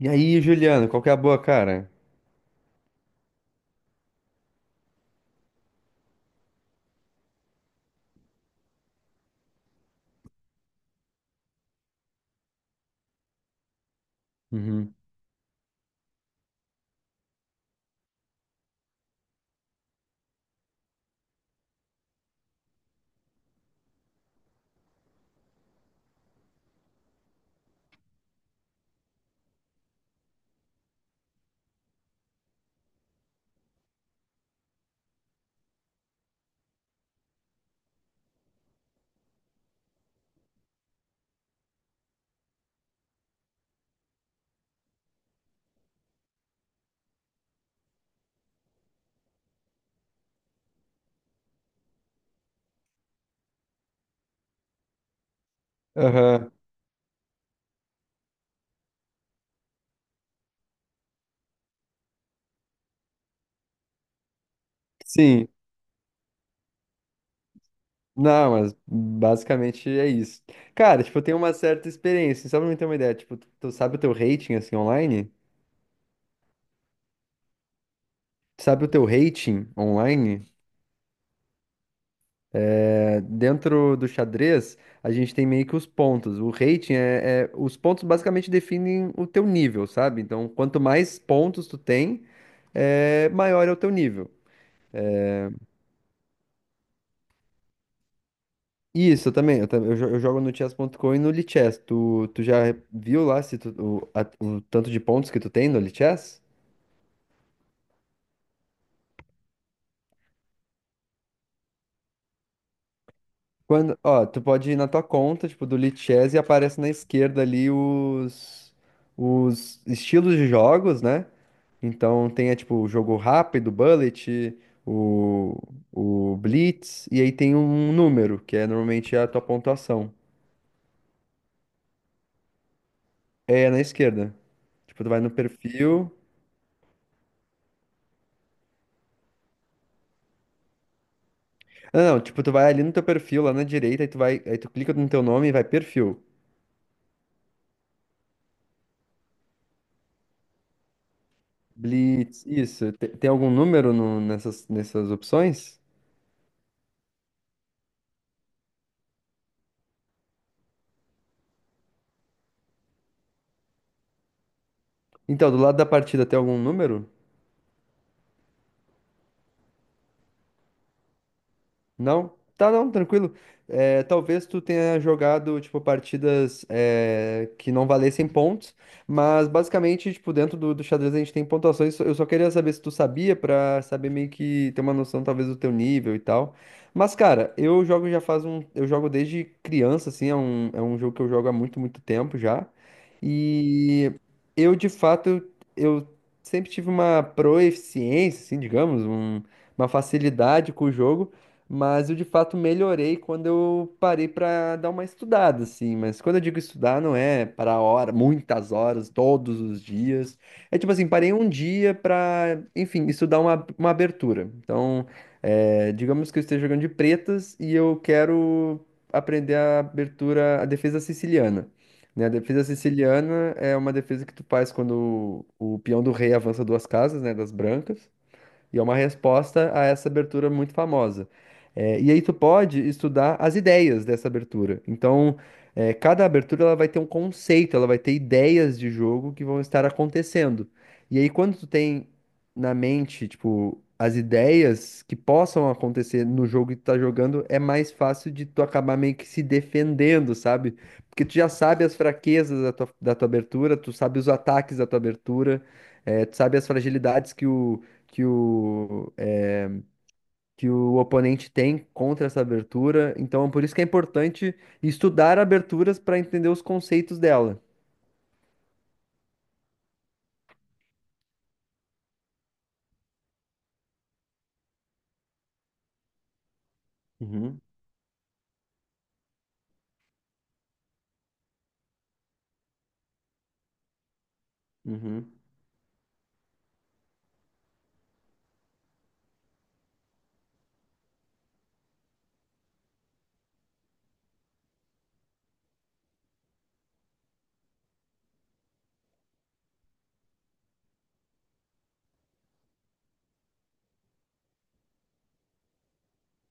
E aí, Juliano, qual que é a boa, cara? Uhum. Aham. Sim. Não, mas basicamente é isso. Cara, tipo, eu tenho uma certa experiência, só pra me ter uma ideia, tipo, tu sabe o teu rating, assim, online? Tu sabe o teu rating online? É, dentro do xadrez, a gente tem meio que os pontos. O rating Os pontos basicamente definem o teu nível, sabe? Então, quanto mais pontos tu tem, é, maior é o teu nível. Isso, eu também. Eu, tam- eu jo- eu jogo no chess.com e no Lichess. Tu já viu lá se o tanto de pontos que tu tem no Lichess? Quando, ó, tu pode ir na tua conta, tipo, do Lichess e aparece na esquerda ali os estilos de jogos, né? Então tem, é, tipo, o jogo rápido, bullet, o, o blitz, e aí tem um número, que é normalmente a tua pontuação. É na esquerda. Tipo, tu vai no perfil. Não, não, tipo, tu vai ali no teu perfil, lá na direita, aí tu clica no teu nome e vai perfil. Blitz, isso. Tem, algum número nessas opções? Então, do lado da partida tem algum número? Não? Tá, não, tranquilo. É, talvez tu tenha jogado, tipo, partidas que não valessem pontos, mas basicamente, tipo, dentro do xadrez a gente tem pontuações. Eu só queria saber se tu sabia, pra saber meio que ter uma noção, talvez, do teu nível e tal. Mas, cara, eu jogo já faz um... Eu jogo desde criança, assim, é é um jogo que eu jogo há muito, muito tempo já. E eu, de fato, eu sempre tive uma proeficiência, assim, digamos, uma facilidade com o jogo. Mas eu de fato melhorei quando eu parei para dar uma estudada, assim. Mas quando eu digo estudar, não é para hora, muitas horas, todos os dias. É tipo assim, parei um dia para enfim, estudar uma abertura. Então, é, digamos que eu esteja jogando de pretas e eu quero aprender a abertura, a defesa siciliana. Né? A defesa siciliana é uma defesa que tu faz quando o peão do rei avança duas casas, né, das brancas. E é uma resposta a essa abertura muito famosa. É, e aí tu pode estudar as ideias dessa abertura. Então, é, cada abertura ela vai ter um conceito, ela vai ter ideias de jogo que vão estar acontecendo. E aí, quando tu tem na mente, tipo, as ideias que possam acontecer no jogo que tu tá jogando, é mais fácil de tu acabar meio que se defendendo, sabe? Porque tu já sabe as fraquezas da tua abertura, tu sabe os ataques da tua abertura, é, tu sabe as fragilidades que o, é, que o oponente tem contra essa abertura. Então, por isso que é importante estudar aberturas para entender os conceitos dela. Uhum, uhum,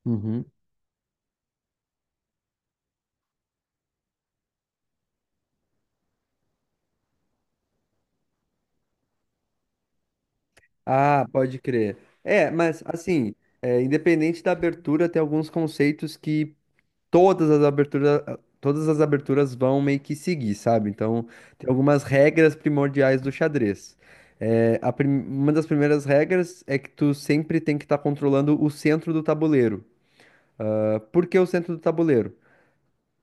uhum. Ah, pode crer. É, mas assim, é, independente da abertura, tem alguns conceitos que todas as aberturas, todas as aberturas vão meio que seguir, sabe? Então, tem algumas regras primordiais do xadrez. É, uma das primeiras regras é que tu sempre tem que estar controlando o centro do tabuleiro. Por que o centro do tabuleiro?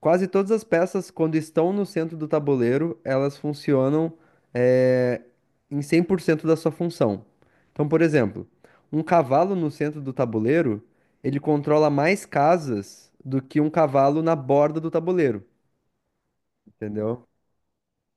Quase todas as peças, quando estão no centro do tabuleiro, elas funcionam eh, em 100% da sua função. Então, por exemplo, um cavalo no centro do tabuleiro, ele controla mais casas do que um cavalo na borda do tabuleiro, entendeu?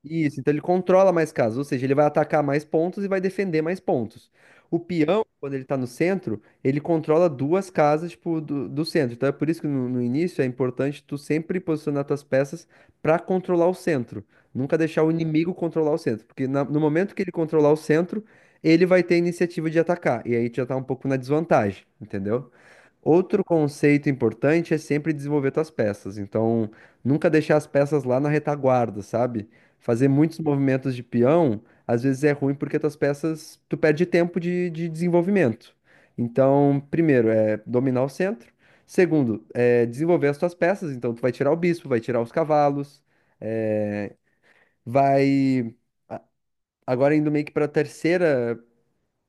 Isso, então ele controla mais casas, ou seja, ele vai atacar mais pontos e vai defender mais pontos. O peão, quando ele tá no centro, ele controla duas casas, tipo, do centro. Então é por isso que no início é importante tu sempre posicionar tuas peças pra controlar o centro. Nunca deixar o inimigo controlar o centro, porque no momento que ele controlar o centro, ele vai ter a iniciativa de atacar, e aí tu já tá um pouco na desvantagem, entendeu? Outro conceito importante é sempre desenvolver tuas peças. Então, nunca deixar as peças lá na retaguarda, sabe? Fazer muitos movimentos de peão, às vezes é ruim porque tuas peças, tu perde tempo de desenvolvimento. Então, primeiro é dominar o centro. Segundo, é desenvolver as tuas peças. Então, tu vai tirar o bispo, vai tirar os cavalos, é, vai. a- Agora indo meio que para a terceira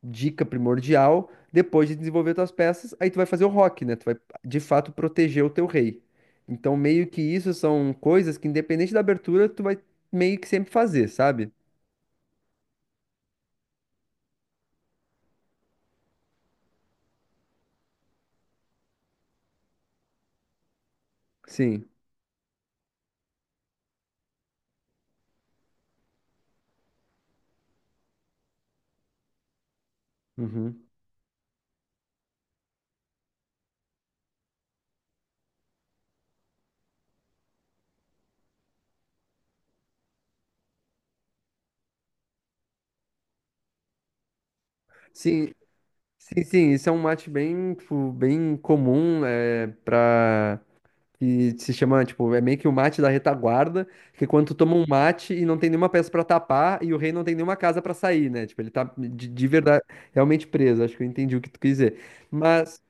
dica primordial, depois de desenvolver tuas peças, aí tu vai fazer o rock, né? Tu vai de fato proteger o teu rei. Então, meio que isso são coisas que, independente da abertura, tu vai meio que sempre fazer, sabe? Sim. Uhum. Sim, sim, sim. Isso é um mate bem, tipo, bem comum, é, para que se chama, tipo, é meio que o mate da retaguarda, que é quando tu toma um mate e não tem nenhuma peça pra tapar e o rei não tem nenhuma casa pra sair, né? Tipo, ele tá de verdade realmente preso. Acho que eu entendi o que tu quis dizer. Mas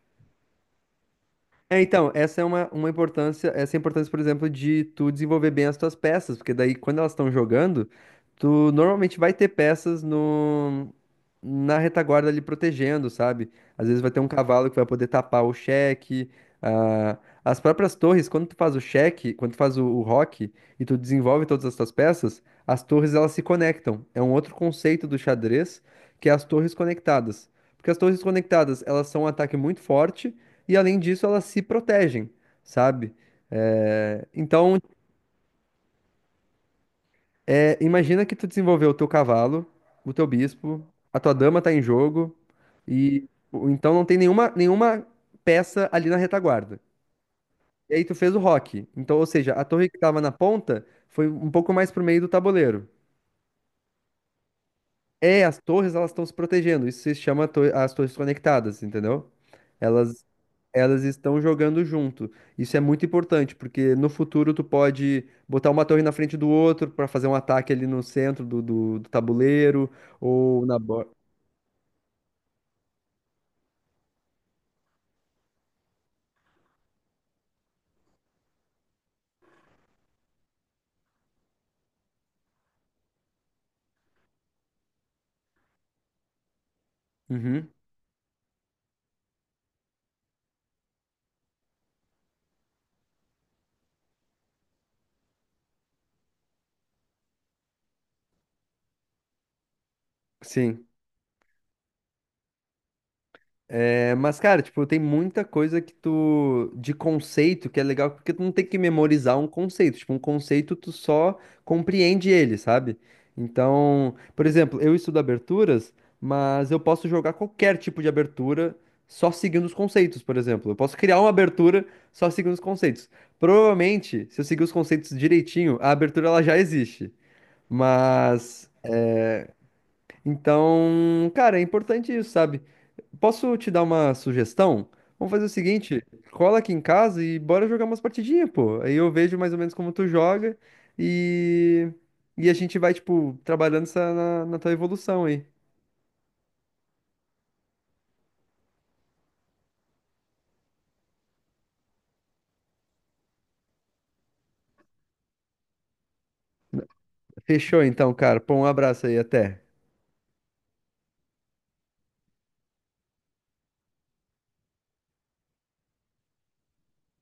é, então, essa é uma importância, essa é a importância, por exemplo, de tu desenvolver bem as tuas peças, porque daí quando elas estão jogando, tu normalmente vai ter peças no, na retaguarda ali protegendo, sabe? Às vezes vai ter um cavalo que vai poder tapar o cheque, ah, as próprias torres, quando tu faz o cheque, quando tu faz o roque e tu desenvolve todas as tuas peças, as torres elas se conectam. É um outro conceito do xadrez, que é as torres conectadas. Porque as torres conectadas, elas são um ataque muito forte, e além disso elas se protegem, sabe? É, então, é, imagina que tu desenvolveu o teu cavalo, o teu bispo, a tua dama tá em jogo então não tem nenhuma peça ali na retaguarda. E aí tu fez o rock. Então, ou seja, a torre que tava na ponta foi um pouco mais pro meio do tabuleiro. É, as torres elas estão se protegendo. Isso se chama as torres conectadas, entendeu? Elas elas estão jogando junto. Isso é muito importante, porque no futuro tu pode botar uma torre na frente do outro para fazer um ataque ali no centro do tabuleiro ou na borda. Uhum, Sim. É, mas, cara, tipo, tem muita coisa que tu, de conceito, que é legal, porque tu não tem que memorizar um conceito. Tipo, um conceito tu só compreende ele, sabe? Então, por exemplo, eu estudo aberturas, mas eu posso jogar qualquer tipo de abertura só seguindo os conceitos, por exemplo. Eu posso criar uma abertura só seguindo os conceitos. Provavelmente, se eu seguir os conceitos direitinho, a abertura ela já existe. Mas, então, cara, é importante isso, sabe? Posso te dar uma sugestão? Vamos fazer o seguinte, cola aqui em casa e bora jogar umas partidinhas, pô. Aí eu vejo mais ou menos como tu joga e, e a gente vai, tipo, trabalhando essa na tua evolução aí. Fechou então, cara. Pô, um abraço aí, até.